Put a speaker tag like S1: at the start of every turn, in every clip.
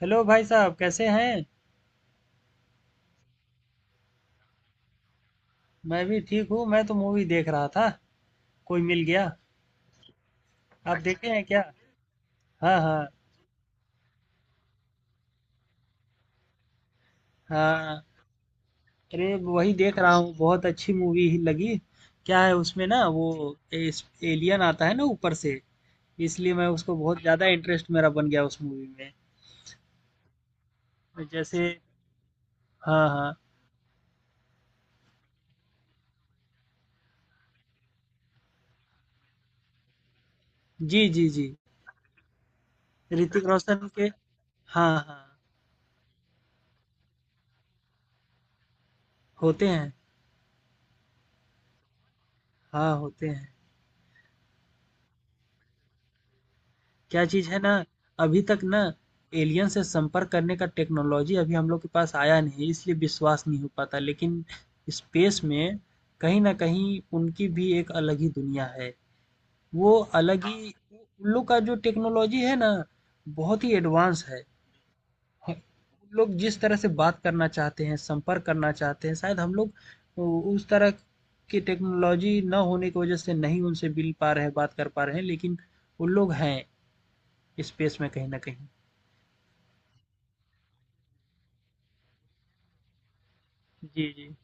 S1: Hello भाई साहब, कैसे हैं। मैं भी ठीक हूँ, मैं तो मूवी देख रहा था। कोई मिल गया। आप देखे अच्छा हैं क्या। हाँ हाँ। हाँ, अरे वही देख रहा हूँ, बहुत अच्छी मूवी ही लगी। क्या है उसमें ना वो एलियन आता है ना ऊपर से। इसलिए मैं उसको बहुत ज़्यादा इंटरेस्ट मेरा बन गया उस मूवी में। जैसे हाँ हाँ। जी जी जी। ऋतिक रोशन के। हाँ हाँ, होते हैं। हाँ होते हैं। क्या चीज़ है ना, अभी तक ना एलियन से संपर्क करने का टेक्नोलॉजी अभी हम लोग के पास आया नहीं है, इसलिए विश्वास नहीं हो पाता। लेकिन स्पेस में कहीं न कहीं उनकी भी एक अलग ही दुनिया है। वो अलग ही उन लोग का जो टेक्नोलॉजी है ना, बहुत ही एडवांस है। ह लोग जिस तरह से बात करना चाहते हैं, संपर्क करना चाहते हैं, शायद हम लोग उ उस तरह की टेक्नोलॉजी ना होने की वजह से नहीं उनसे मिल पा रहे हैं, बात कर पा रहे हैं, लेकिन वो लोग हैं स्पेस में कहीं न कहीं। जी, जी।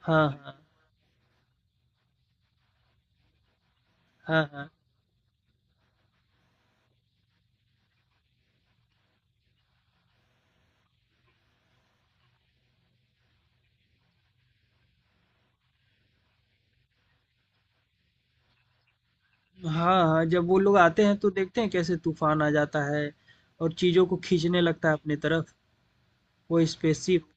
S1: हाँ, हाँ। हाँ, हाँ। हाँ, हाँ, जब वो लोग आते हैं तो देखते हैं कैसे तूफ़ान आ जाता है और चीज़ों को खींचने लगता है अपनी तरफ, वो स्पेसशिप।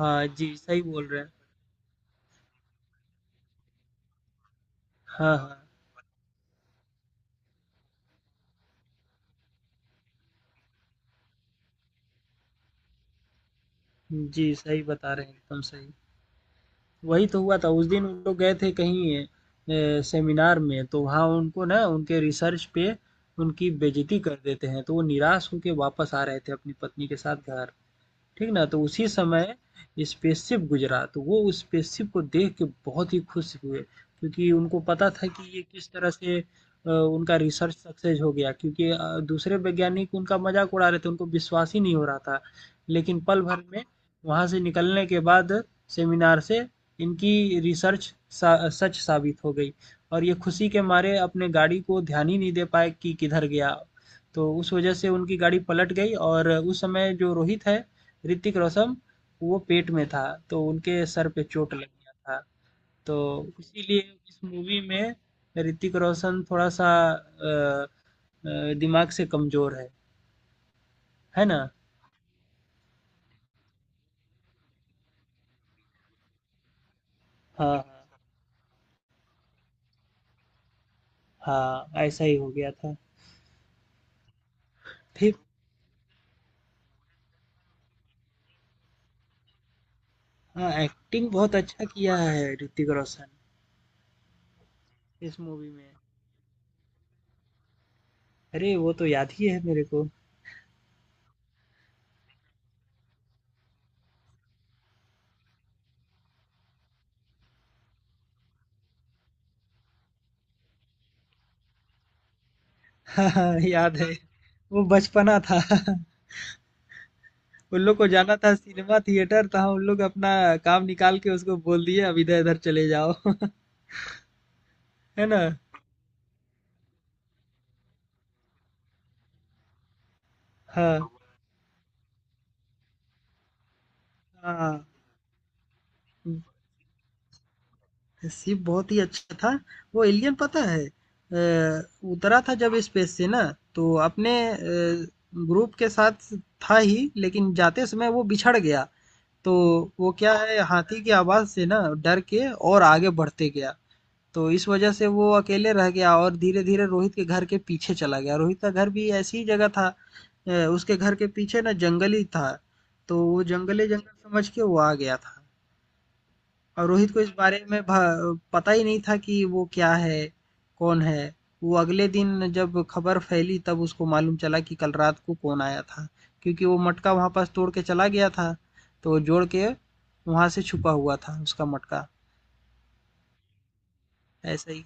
S1: हाँ जी, सही बोल रहे हैं। हाँ, हाँ। जी, सही बता रहे हैं, एकदम सही। वही तो हुआ था, उस दिन हम लोग गए थे कहीं सेमिनार में, तो वहाँ उनको ना उनके रिसर्च पे उनकी बेइज़्ज़ती कर देते हैं, तो वो निराश होके वापस आ रहे थे अपनी पत्नी के साथ घर। ठीक ना? तो उसी समय स्पेसशिप गुजरा, तो वो उस स्पेसशिप को देख के बहुत ही खुश हुए क्योंकि उनको पता था कि ये किस तरह से उनका रिसर्च सक्सेस हो गया। क्योंकि दूसरे वैज्ञानिक उनका मजाक उड़ा रहे थे, उनको विश्वास ही नहीं हो रहा था। लेकिन पल भर में वहां से निकलने के बाद, सेमिनार से, इनकी रिसर्च सच साबित हो गई और ये खुशी के मारे अपने गाड़ी को ध्यान ही नहीं दे पाए कि किधर गया। तो उस वजह से उनकी गाड़ी पलट गई और उस समय जो रोहित है, ऋतिक रोशन, वो पेट में था, तो उनके सर पे चोट लग गया था। तो इसीलिए इस मूवी में ऋतिक रोशन थोड़ा सा दिमाग से कमजोर है ना। हाँ हाँ, ऐसा ही हो गया था। फिर हाँ, एक्टिंग बहुत अच्छा किया है ऋतिक रोशन इस मूवी में। अरे वो तो याद ही है मेरे को। हाँ, याद है। वो बचपना था। उन लोग को जाना था सिनेमा थिएटर, तो हम उन लोग अपना काम निकाल के उसको बोल दिए अब इधर इधर चले जाओ। है ना। हाँ हाँ, शिप बहुत ही अच्छा था। वो एलियन पता है उतरा था जब स्पेस से ना, तो अपने ग्रुप के साथ था ही, लेकिन जाते समय वो बिछड़ गया। तो वो क्या है, हाथी की आवाज़ से ना डर के और आगे बढ़ते गया। तो इस वजह से वो अकेले रह गया और धीरे धीरे रोहित के घर के पीछे चला गया। रोहित का घर भी ऐसी ही जगह था, उसके घर के पीछे ना जंगल ही था, तो वो जंगले जंगल समझ के वो आ गया था। और रोहित को इस बारे में भ पता ही नहीं था कि वो क्या है? कौन है? वो अगले दिन जब खबर फैली तब उसको मालूम चला कि कल रात को कौन आया था। क्योंकि वो मटका वहाँ पास तोड़ के चला गया था, तो वो जोड़ के वहाँ से छुपा हुआ था उसका मटका, ऐसा ही।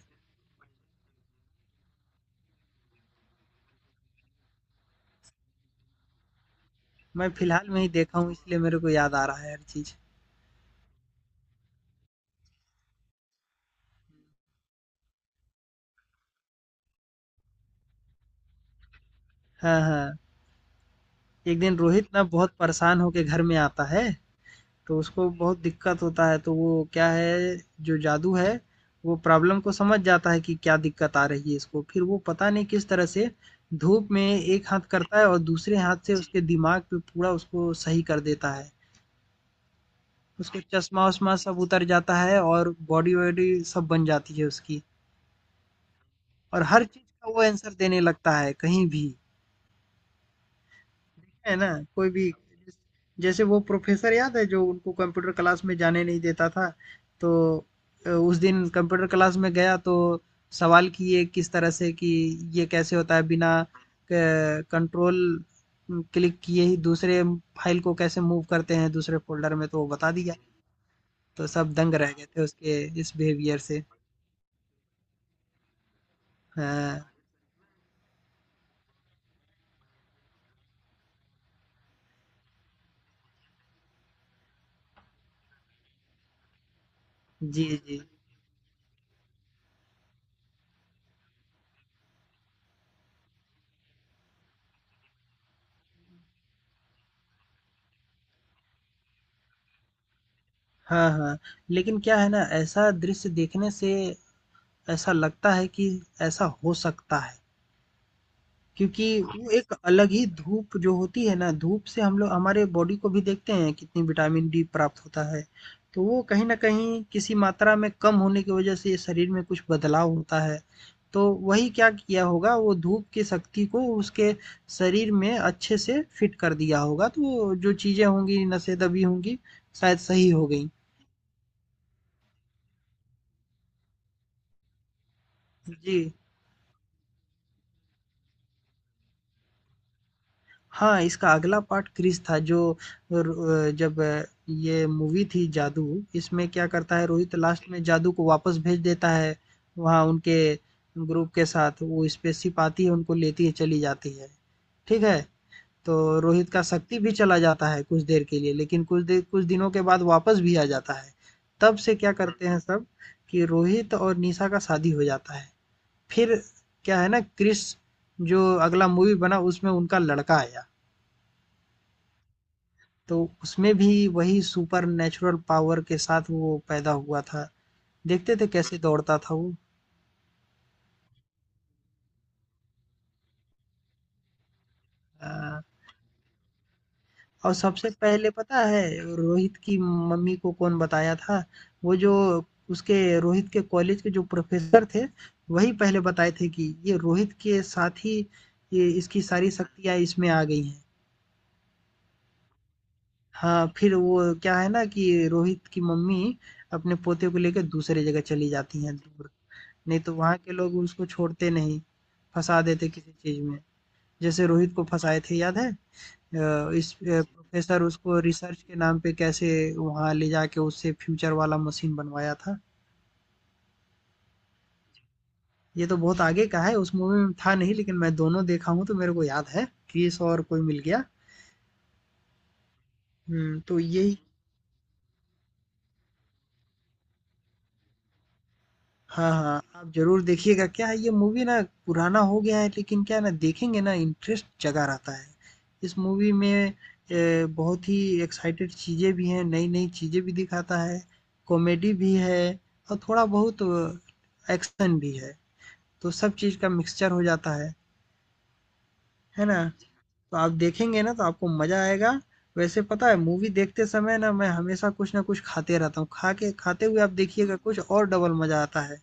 S1: मैं फिलहाल में ही देखा हूँ, इसलिए मेरे को याद आ रहा है हर चीज़। हाँ, हाँ। एक दिन रोहित ना बहुत परेशान होके घर में आता है, तो उसको बहुत दिक्कत होता है, तो वो क्या है, जो जादू है वो प्रॉब्लम को समझ जाता है कि क्या दिक्कत आ रही है इसको। फिर वो पता नहीं किस तरह से धूप में एक हाथ करता है और दूसरे हाथ से उसके दिमाग पे पूरा उसको सही कर देता है। उसको चश्मा वश्मा सब उतर जाता है और बॉडी वॉडी सब बन जाती है उसकी। और हर चीज़ का वो आंसर देने लगता है कहीं भी, है ना, कोई भी। जैसे वो प्रोफेसर याद है जो उनको कंप्यूटर क्लास में जाने नहीं देता था, तो उस दिन कंप्यूटर क्लास में गया तो सवाल किए किस तरह से कि ये कैसे होता है बिना कंट्रोल क्लिक किए ही दूसरे फाइल को कैसे मूव करते हैं दूसरे फोल्डर में, तो वो बता दिया। तो सब दंग रह गए थे उसके इस बिहेवियर से। हाँ जी जी। हाँ हाँ, लेकिन क्या है ना, ऐसा दृश्य देखने से ऐसा लगता है कि ऐसा हो सकता है। क्योंकि वो एक अलग ही धूप जो होती है ना, धूप से हम लोग हमारे बॉडी को भी देखते हैं कितनी विटामिन डी प्राप्त होता है। तो वो कहीं न कहीं किसी मात्रा में कम होने की वजह से शरीर में कुछ बदलाव होता है। तो वही क्या किया होगा, वो धूप की शक्ति को उसके शरीर में अच्छे से फिट कर दिया होगा, तो जो चीज़ें होंगी, नसें दबी होंगी, शायद सही हो गई। जी। हाँ, इसका अगला पार्ट क्रिश था। जो र जब ये मूवी थी जादू, इसमें क्या करता है रोहित लास्ट में जादू को वापस भेज देता है, वहाँ उनके ग्रुप के साथ वो स्पेसशिप आती है, उनको लेती है, चली जाती है, ठीक है? तो रोहित का शक्ति भी चला जाता है कुछ देर के लिए, लेकिन कुछ देर, कुछ दिनों के बाद वापस भी आ जाता है। तब से क्या करते हैं सब कि रोहित और निशा का शादी हो जाता है। फिर क्या है ना, क्रिश जो अगला मूवी बना उसमें उनका लड़का आया। तो उसमें भी वही सुपरनैचुरल पावर के साथ वो पैदा हुआ था। देखते थे कैसे दौड़ता था वो। अ, और सबसे पहले पता है रोहित की मम्मी को कौन बताया था? वो जो उसके रोहित के कॉलेज के जो प्रोफेसर थे, वही पहले बताए थे कि ये रोहित के साथ ही ये इसकी सारी शक्तियाँ इसमें आ गई हैं। हाँ, फिर वो क्या है ना कि रोहित की मम्मी अपने पोते को लेकर दूसरी जगह चली जाती हैं दूर। नहीं तो वहाँ के लोग उसको छोड़ते नहीं, फँसा देते किसी चीज़ में। जैसे रोहित को फँसाए थे याद है? इस प्रोफ़ेसर उसको रिसर्च के नाम पे कैसे वहाँ ले जाके उससे फ्यूचर वाला मशीन बनवाया था। ये तो बहुत आगे का है, उस मूवी में था नहीं, लेकिन मैं दोनों देखा हूँ तो मेरे को याद है, क्रिस और कोई मिल गया। तो यही हाँ, हाँ, आप ज़रूर देखिएगा। क्या है ये मूवी ना पुराना हो गया है, लेकिन क्या है ना, देखेंगे ना इंटरेस्ट जगा रहता है। इस मूवी में बहुत ही एक्साइटेड चीज़ें भी हैं, नई-नई चीज़ें भी दिखाता है, कॉमेडी भी है और थोड़ा बहुत एक्शन भी है। तो सब चीज़ का मिक्सचर हो जाता है ना? तो आप देखेंगे ना तो आपको मज़ा आएगा। वैसे पता है मूवी देखते समय ना मैं हमेशा कुछ ना कुछ खाते रहता हूँ। खा के, खाते हुए आप देखिएगा, कुछ और डबल मज़ा आता है।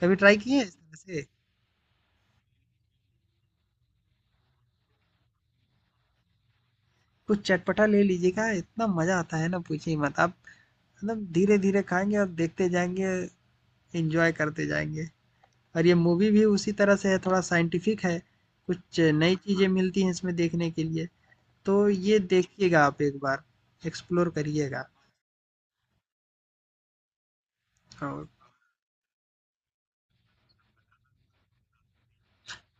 S1: कभी ट्राई किए हैं इस तरह से? कुछ चटपटा ले लीजिएगा, इतना मज़ा आता है ना, पूछिए मत। आप मतलब धीरे-धीरे खाएँगे और देखते जाएँगे, एन्जॉय करते जाएँगे। और ये मूवी भी उसी तरह से है, थोड़ा साइंटिफ़िक है, कुछ नई चीज़ें मिलती हैं इसमें देखने के लिए। तो ये देखिएगा आप एक बार, एक्सप्लोर करिएगा। और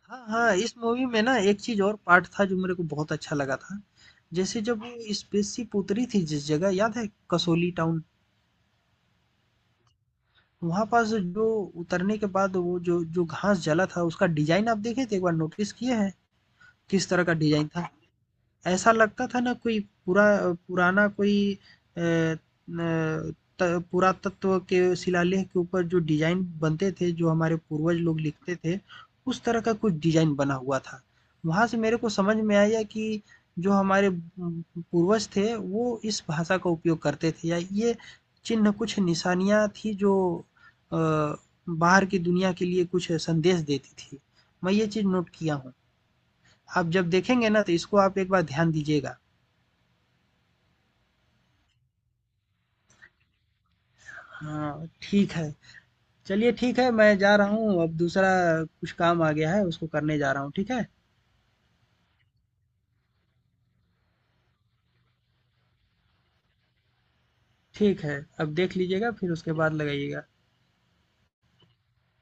S1: हाँ, हाँ, इस मूवी में ना एक चीज़ और पार्ट था जो मेरे को बहुत अच्छा लगा था। जैसे जब वो स्पेसशिप उतरी थी जिस जगह, याद है, कसौली टाउन, वहाँ पास जो उतरने के बाद वो जो जो घास जला था उसका डिज़ाइन आप देखे थे? एक बार नोटिस किए हैं? किस तरह का डिज़ाइन था? ऐसा लगता था ना, कोई पूरा पुराना कोई पुरातत्व के शिलालेख के ऊपर जो डिजाइन बनते थे जो हमारे पूर्वज लोग लिखते थे, उस तरह का कुछ डिजाइन बना हुआ था। वहां से मेरे को समझ में आया कि जो हमारे पूर्वज थे वो इस भाषा का उपयोग करते थे, या ये चिन्ह कुछ निशानियां थी जो अ, बाहर की दुनिया के लिए कुछ संदेश देती थी। मैं ये चीज नोट किया हूँ, आप जब देखेंगे ना तो इसको आप एक बार ध्यान दीजिएगा। हाँ, ठीक है। चलिए ठीक है, मैं जा रहा हूँ, अब दूसरा कुछ काम आ गया है, उसको करने जा रहा हूँ, ठीक है? ठीक है, अब देख लीजिएगा, फिर उसके बाद लगाइएगा।